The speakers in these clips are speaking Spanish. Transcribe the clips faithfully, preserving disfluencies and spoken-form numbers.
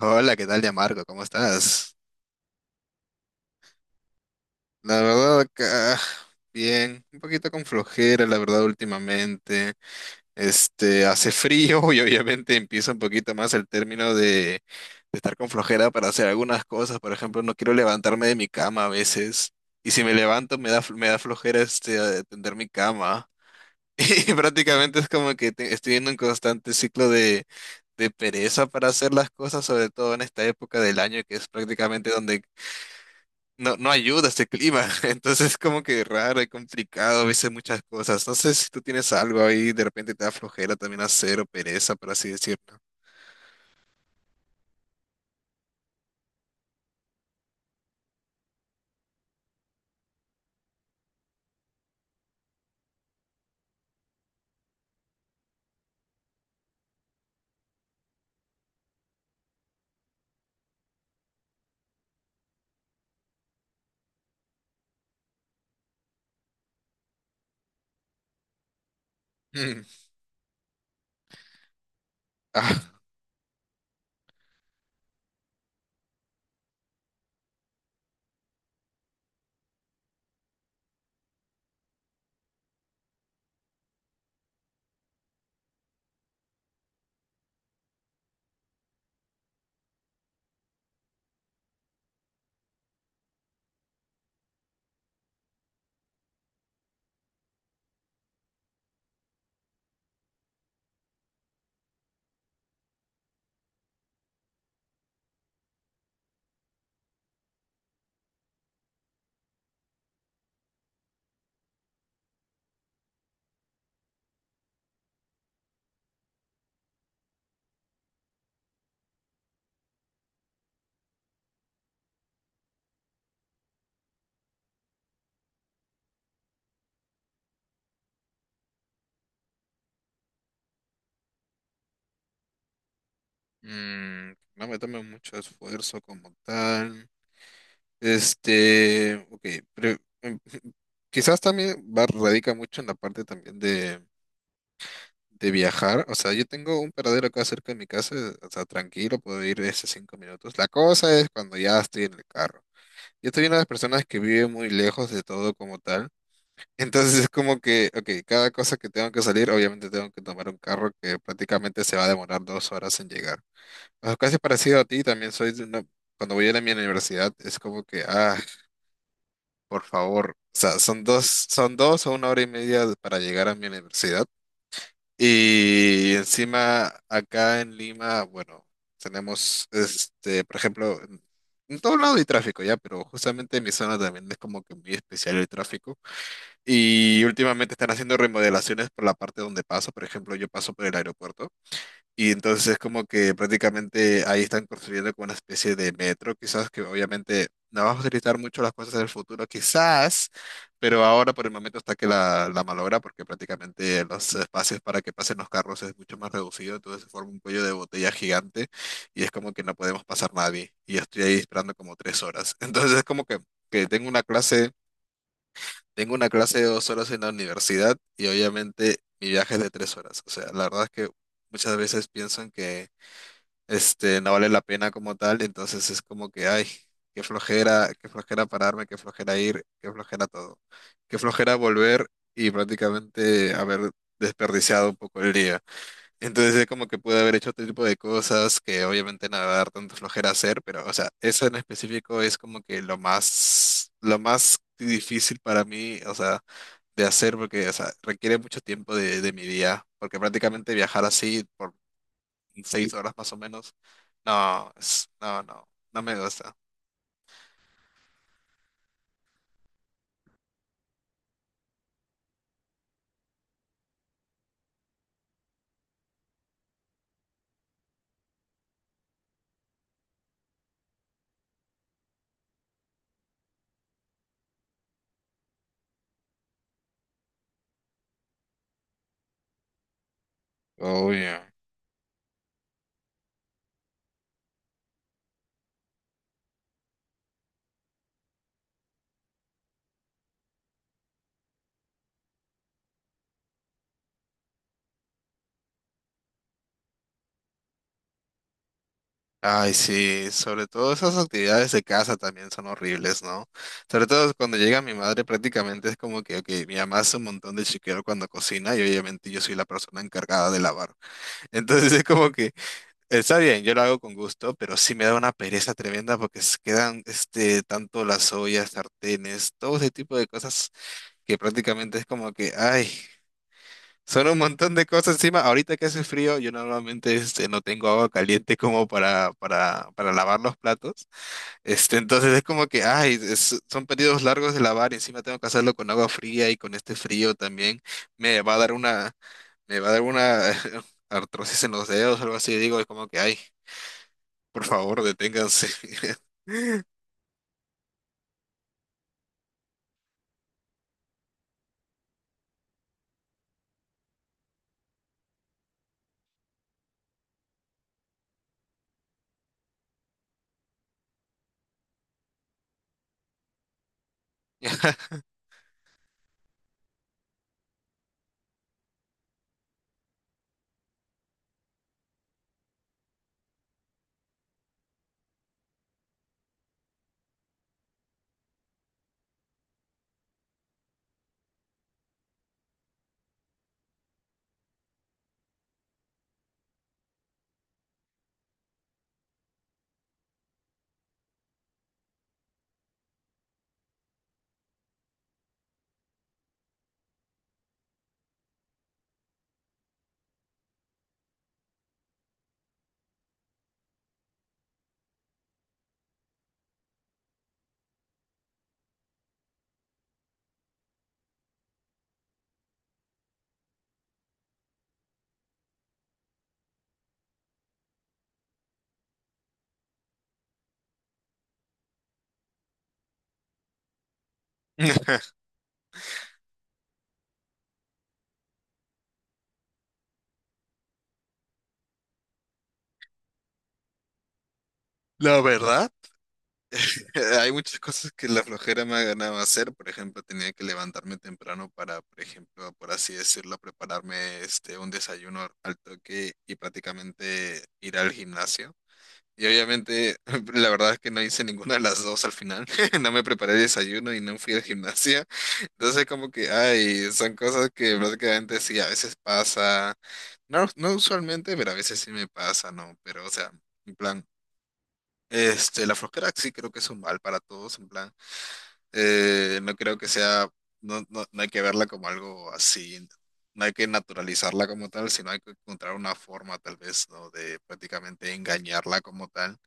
Hola, ¿qué tal, Yamarco? ¿Cómo estás? La verdad acá, bien, un poquito con flojera, la verdad, últimamente. Este, hace frío y obviamente empieza un poquito más el término de, de estar con flojera para hacer algunas cosas. Por ejemplo, no quiero levantarme de mi cama a veces. Y si me levanto, me da, fl- me da flojera este, eh, tender mi cama. Y prácticamente es como que te- estoy en un constante ciclo de, de pereza para hacer las cosas, sobre todo en esta época del año que es prácticamente donde no, no ayuda este clima. Entonces es como que raro y complicado a veces muchas cosas. No sé si tú tienes algo ahí, de repente te da flojera también hacer o pereza, por así decirlo. Mm. Ah, mm, no me tome mucho esfuerzo como tal. Este, ok, pero, em, quizás también va, radica mucho en la parte también de de viajar, o sea, yo tengo un paradero acá cerca de mi casa, o sea, tranquilo, puedo ir de esos cinco minutos. La cosa es cuando ya estoy en el carro. Yo soy una de las personas que vive muy lejos de todo como tal. Entonces es como que, ok, cada cosa que tengo que salir, obviamente tengo que tomar un carro que prácticamente se va a demorar dos horas en llegar. O sea, casi parecido a ti, también soy de una, cuando voy a la mi universidad, es como que, ah, por favor, o sea, son dos, son dos o una hora y media para llegar a mi universidad. Y encima acá en Lima, bueno, tenemos, este, por ejemplo, en, en todo lado hay tráfico ya, pero justamente en mi zona también es como que muy especial el tráfico. Y últimamente están haciendo remodelaciones por la parte donde paso, por ejemplo, yo paso por el aeropuerto. Y entonces es como que prácticamente ahí están construyendo como una especie de metro, quizás que obviamente no vamos a utilizar mucho las cosas del futuro, quizás, pero ahora por el momento está que la, la malogra porque prácticamente los espacios para que pasen los carros es mucho más reducido, entonces se forma un cuello de botella gigante y es como que no podemos pasar nadie. Y yo estoy ahí esperando como tres horas. Entonces es como que, que tengo una clase, tengo una clase de dos horas en la universidad y obviamente mi viaje es de tres horas. O sea, la verdad es que muchas veces piensan que este, no vale la pena como tal, entonces es como que, ay, qué flojera, qué flojera pararme, qué flojera ir, qué flojera todo, qué flojera volver y prácticamente haber desperdiciado un poco el día. Entonces es como que pude haber hecho otro tipo de cosas que obviamente no me va a dar tanta flojera hacer, pero, o sea, eso en específico es como que lo más, lo más difícil para mí, o sea, de hacer porque, o sea, requiere mucho tiempo de, de mi día, porque prácticamente viajar así por seis horas más o menos. No, es- no, no, no me gusta. Obvio. Ay, sí, sobre todo esas actividades de casa también son horribles, ¿no? Sobre todo cuando llega mi madre prácticamente es como que, ok, mi mamá hace un montón de chiquero cuando cocina y obviamente yo soy la persona encargada de lavar. Entonces es como que, está bien, yo lo hago con gusto, pero sí me da una pereza tremenda porque se quedan, este, tanto las ollas, sartenes, todo ese tipo de cosas que prácticamente es como que, ay. Son un montón de cosas encima. Ahorita que hace frío, yo normalmente este, no tengo agua caliente como para, para, para lavar los platos. Este, entonces es como que, ay, es- son periodos largos de lavar y encima tengo que hacerlo con agua fría y con este frío también. Me va a dar una, me va a dar una artrosis en los dedos o algo así. Digo, es como que, ay, por favor, deténganse. La verdad. Eh, Hay muchas cosas que la flojera me ha ganado a hacer. Por ejemplo, tenía que levantarme temprano para, por ejemplo, por así decirlo, prepararme este un desayuno al toque y prácticamente ir al gimnasio. Y obviamente, la verdad es que no hice ninguna de las dos al final. No me preparé el desayuno y no fui al gimnasio. Entonces, como que, ay, son cosas que prácticamente sí, a veces pasa. No, no usualmente, pero a veces sí me pasa, ¿no? Pero, o sea, en plan. Este, la flojera sí creo que es un mal para todos, en plan. Eh, no creo que sea, no, no, no hay que verla como algo así, no hay que naturalizarla como tal, sino hay que encontrar una forma tal vez, ¿no? De prácticamente engañarla como tal.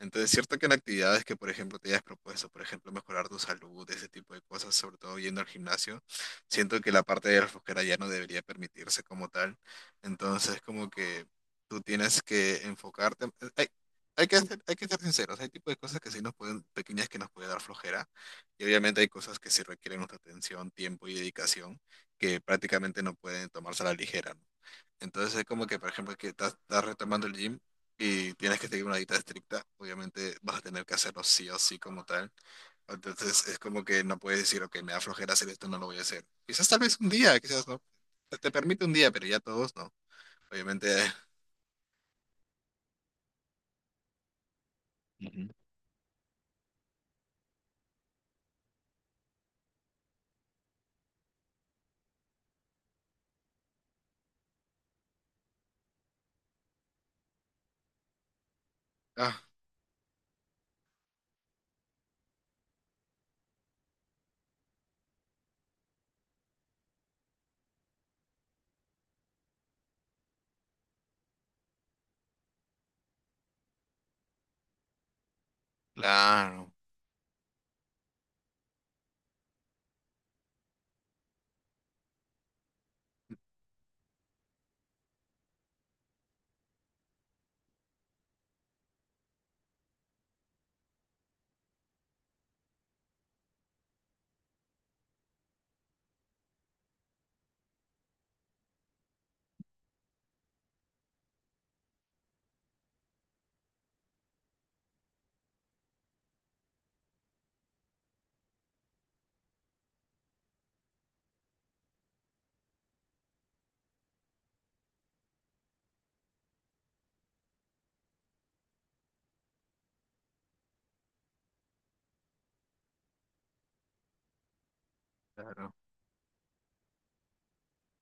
Entonces, cierto que en actividades que, por ejemplo, te hayas propuesto, por ejemplo, mejorar tu salud, ese tipo de cosas, sobre todo yendo al gimnasio, siento que la parte de la flojera ya no debería permitirse como tal. Entonces, como que tú tienes que enfocarte. eh, Hay, hay que hacer- hay que ser sinceros, hay tipos de cosas que sí nos pueden, pequeñas que nos puede dar flojera y obviamente hay cosas que sí requieren nuestra atención, tiempo y dedicación que prácticamente no pueden tomarse a la ligera, ¿no? Entonces es como que, por ejemplo, que estás, estás retomando el gym y tienes que seguir una dieta estricta, obviamente vas a tener que hacerlo sí o sí como tal. Entonces es como que no puedes decir, ok, me da flojera hacer esto, no lo voy a hacer. Quizás tal vez un día, quizás no. Te, te permite un día, pero ya todos no. Obviamente, ujú. Ah, claro, claro.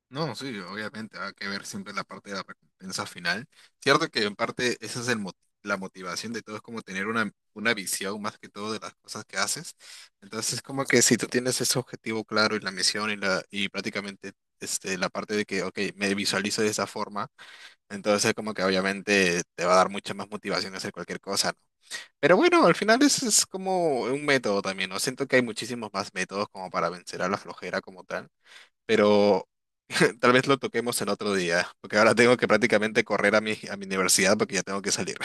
No, sí, obviamente va a que ver siempre la parte de la recompensa final. Cierto que en parte esa es el mo- la motivación de todo, es como tener una, una visión más que todo de las cosas que haces. Entonces es como que si tú tienes ese objetivo claro y la misión y, la, y prácticamente este, la parte de que, ok, me visualizo de esa forma, entonces como que obviamente te va a dar mucha más motivación a hacer cualquier cosa, ¿no? Pero bueno, al final es, es como un método también, ¿no? Siento que hay muchísimos más métodos como para vencer a la flojera como tal, pero tal vez lo toquemos en otro día, porque ahora tengo que prácticamente correr a mi, a mi universidad porque ya tengo que salir.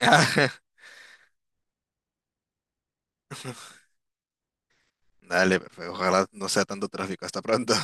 Dale, pues, ojalá no sea tanto tráfico. Hasta pronto.